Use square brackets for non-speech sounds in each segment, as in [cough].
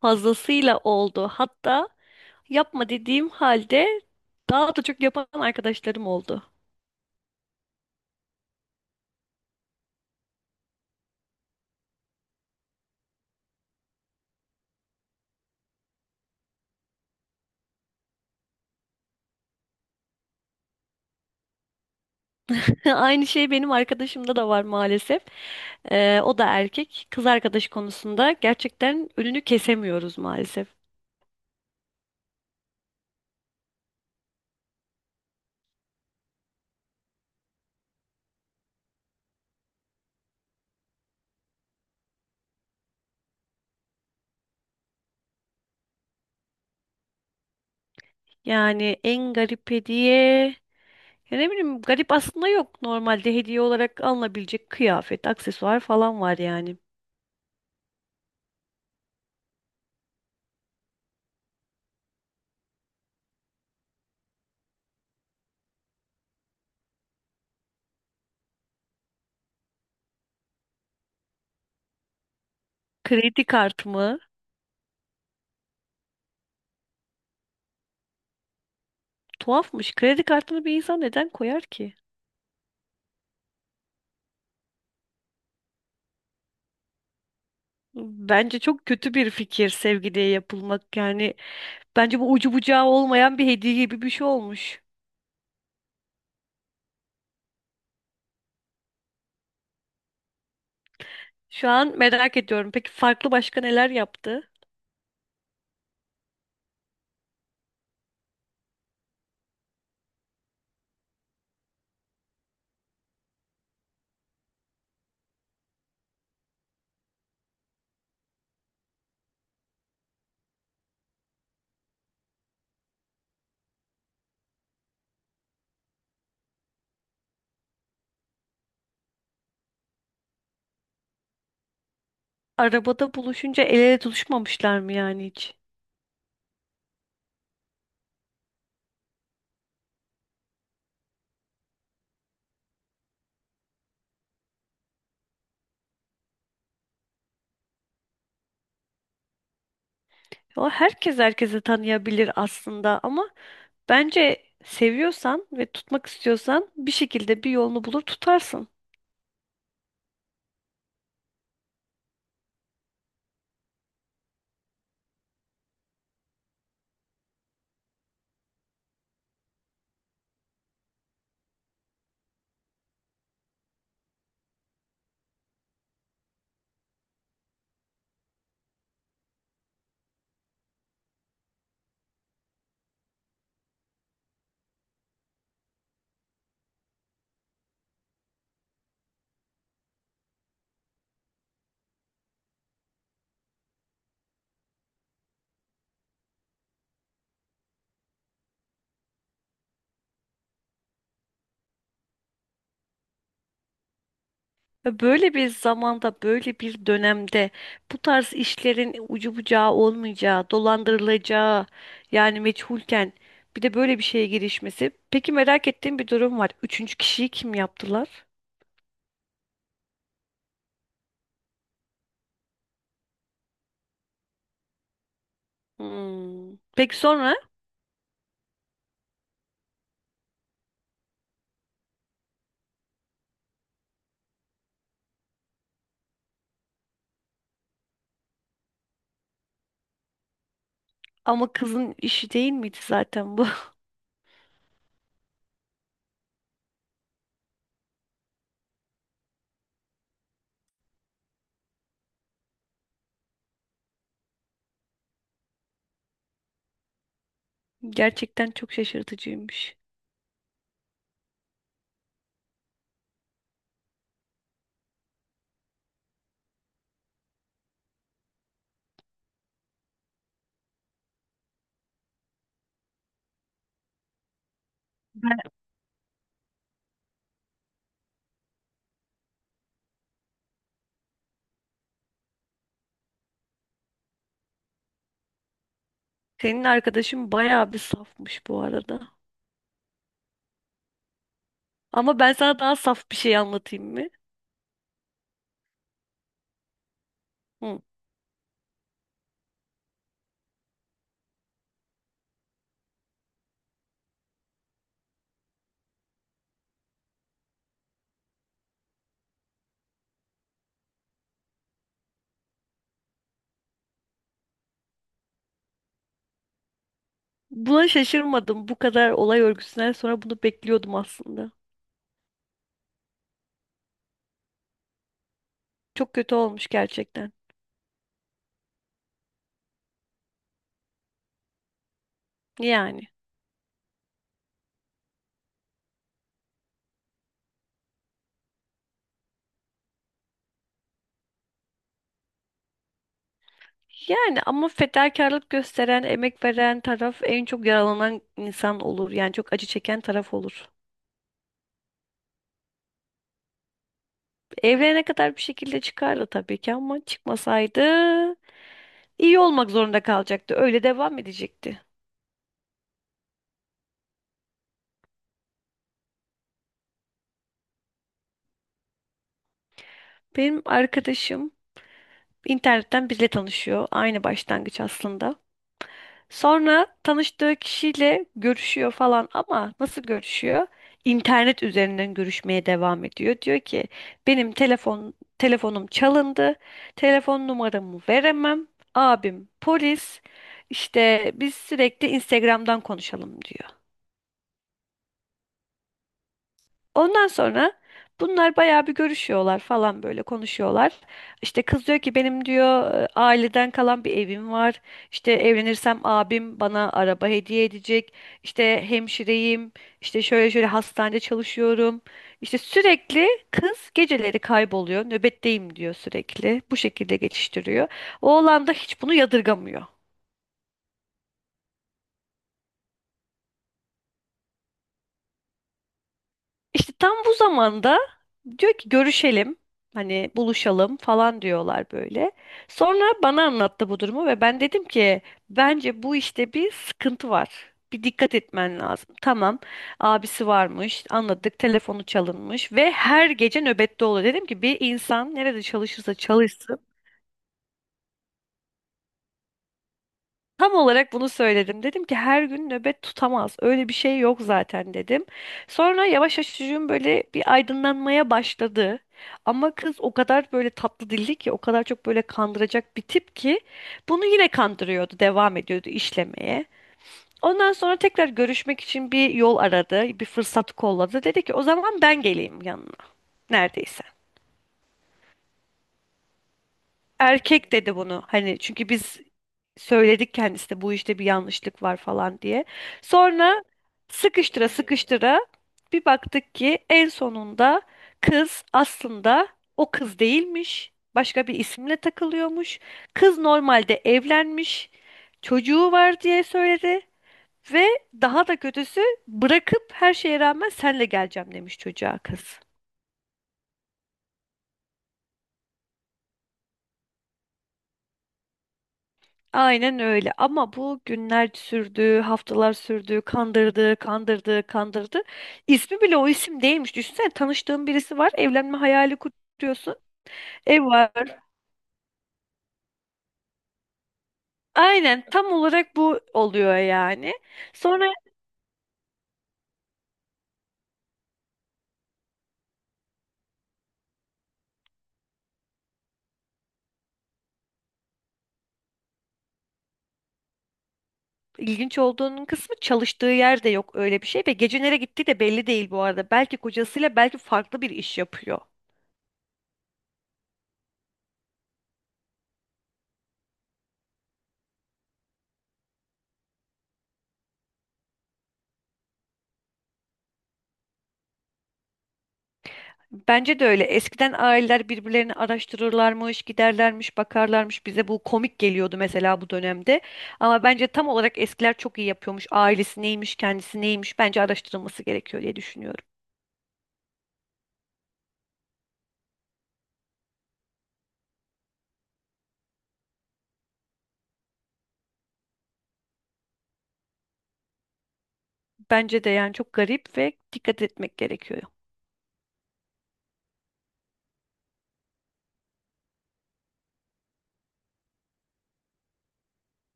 Fazlasıyla oldu. Hatta yapma dediğim halde daha da çok yapan arkadaşlarım oldu. [laughs] Aynı şey benim arkadaşımda da var maalesef. O da erkek. Kız arkadaş konusunda gerçekten önünü kesemiyoruz maalesef. Yani en garip hediye... Ya ne bileyim garip aslında yok. Normalde hediye olarak alınabilecek kıyafet, aksesuar falan var yani. Kredi kartımı... Tuhafmış. Kredi kartını bir insan neden koyar ki? Bence çok kötü bir fikir sevgiliye yapılmak. Yani bence bu ucu bucağı olmayan bir hediye gibi bir şey olmuş. Şu an merak ediyorum. Peki farklı başka neler yaptı? Arabada buluşunca el ele tutuşmamışlar mı yani hiç? O herkes herkese tanıyabilir aslında ama bence seviyorsan ve tutmak istiyorsan bir şekilde bir yolunu bulur tutarsın. Ve böyle bir zamanda, böyle bir dönemde bu tarz işlerin ucu bucağı olmayacağı, dolandırılacağı yani meçhulken bir de böyle bir şeye girişmesi. Peki merak ettiğim bir durum var. Üçüncü kişiyi kim yaptılar? Hmm. Peki sonra? Ama kızın işi değil miydi zaten bu? [laughs] Gerçekten çok şaşırtıcıymış. Senin arkadaşın bayağı bir safmış bu arada. Ama ben sana daha saf bir şey anlatayım mı? Hı. Buna şaşırmadım. Bu kadar olay örgüsünden sonra bunu bekliyordum aslında. Çok kötü olmuş gerçekten. Yani. Yani ama fedakarlık gösteren, emek veren taraf en çok yaralanan insan olur. Yani çok acı çeken taraf olur. Evlenene kadar bir şekilde çıkardı tabii ki ama çıkmasaydı iyi olmak zorunda kalacaktı. Öyle devam edecekti. Benim arkadaşım internetten biriyle tanışıyor. Aynı başlangıç aslında. Sonra tanıştığı kişiyle görüşüyor falan ama nasıl görüşüyor? İnternet üzerinden görüşmeye devam ediyor. Diyor ki benim telefonum çalındı. Telefon numaramı veremem. Abim polis. İşte biz sürekli Instagram'dan konuşalım diyor. Ondan sonra bunlar bayağı bir görüşüyorlar falan böyle konuşuyorlar. İşte kız diyor ki benim diyor aileden kalan bir evim var. İşte evlenirsem abim bana araba hediye edecek. İşte hemşireyim. İşte şöyle şöyle hastanede çalışıyorum. İşte sürekli kız geceleri kayboluyor. Nöbetteyim diyor sürekli. Bu şekilde geçiştiriyor. Oğlan da hiç bunu yadırgamıyor. İşte tam bu zamanda diyor ki görüşelim. Hani buluşalım falan diyorlar böyle. Sonra bana anlattı bu durumu ve ben dedim ki bence bu işte bir sıkıntı var. Bir dikkat etmen lazım. Tamam. Abisi varmış. Anladık. Telefonu çalınmış ve her gece nöbette oluyor. Dedim ki bir insan nerede çalışırsa çalışsın. Tam olarak bunu söyledim. Dedim ki her gün nöbet tutamaz. Öyle bir şey yok zaten dedim. Sonra yavaş yavaş çocuğum böyle bir aydınlanmaya başladı. Ama kız o kadar böyle tatlı dilli ki, o kadar çok böyle kandıracak bir tip ki bunu yine kandırıyordu, devam ediyordu işlemeye. Ondan sonra tekrar görüşmek için bir yol aradı, bir fırsat kolladı. Dedi ki o zaman ben geleyim yanına neredeyse. Erkek dedi bunu hani çünkü biz söyledik kendisine bu işte bir yanlışlık var falan diye. Sonra sıkıştıra sıkıştıra bir baktık ki en sonunda kız aslında o kız değilmiş. Başka bir isimle takılıyormuş. Kız normalde evlenmiş, çocuğu var diye söyledi ve daha da kötüsü bırakıp her şeye rağmen senle geleceğim demiş çocuğa kız. Aynen öyle ama bu günler sürdü, haftalar sürdü, kandırdı, kandırdı, kandırdı. İsmi bile o isim değilmiş. Düşünsene tanıştığın birisi var, evlenme hayali kuruyorsun. Ev var. Aynen tam olarak bu oluyor yani. Sonra ilginç olduğunun kısmı çalıştığı yerde yok öyle bir şey ve gece nereye gittiği de belli değil bu arada. Belki kocasıyla belki farklı bir iş yapıyor. Bence de öyle. Eskiden aileler birbirlerini araştırırlarmış, giderlermiş, bakarlarmış. Bize bu komik geliyordu mesela bu dönemde. Ama bence tam olarak eskiler çok iyi yapıyormuş. Ailesi neymiş, kendisi neymiş. Bence araştırılması gerekiyor diye düşünüyorum. Bence de yani çok garip ve dikkat etmek gerekiyor.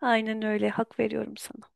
Aynen öyle. Hak veriyorum sana.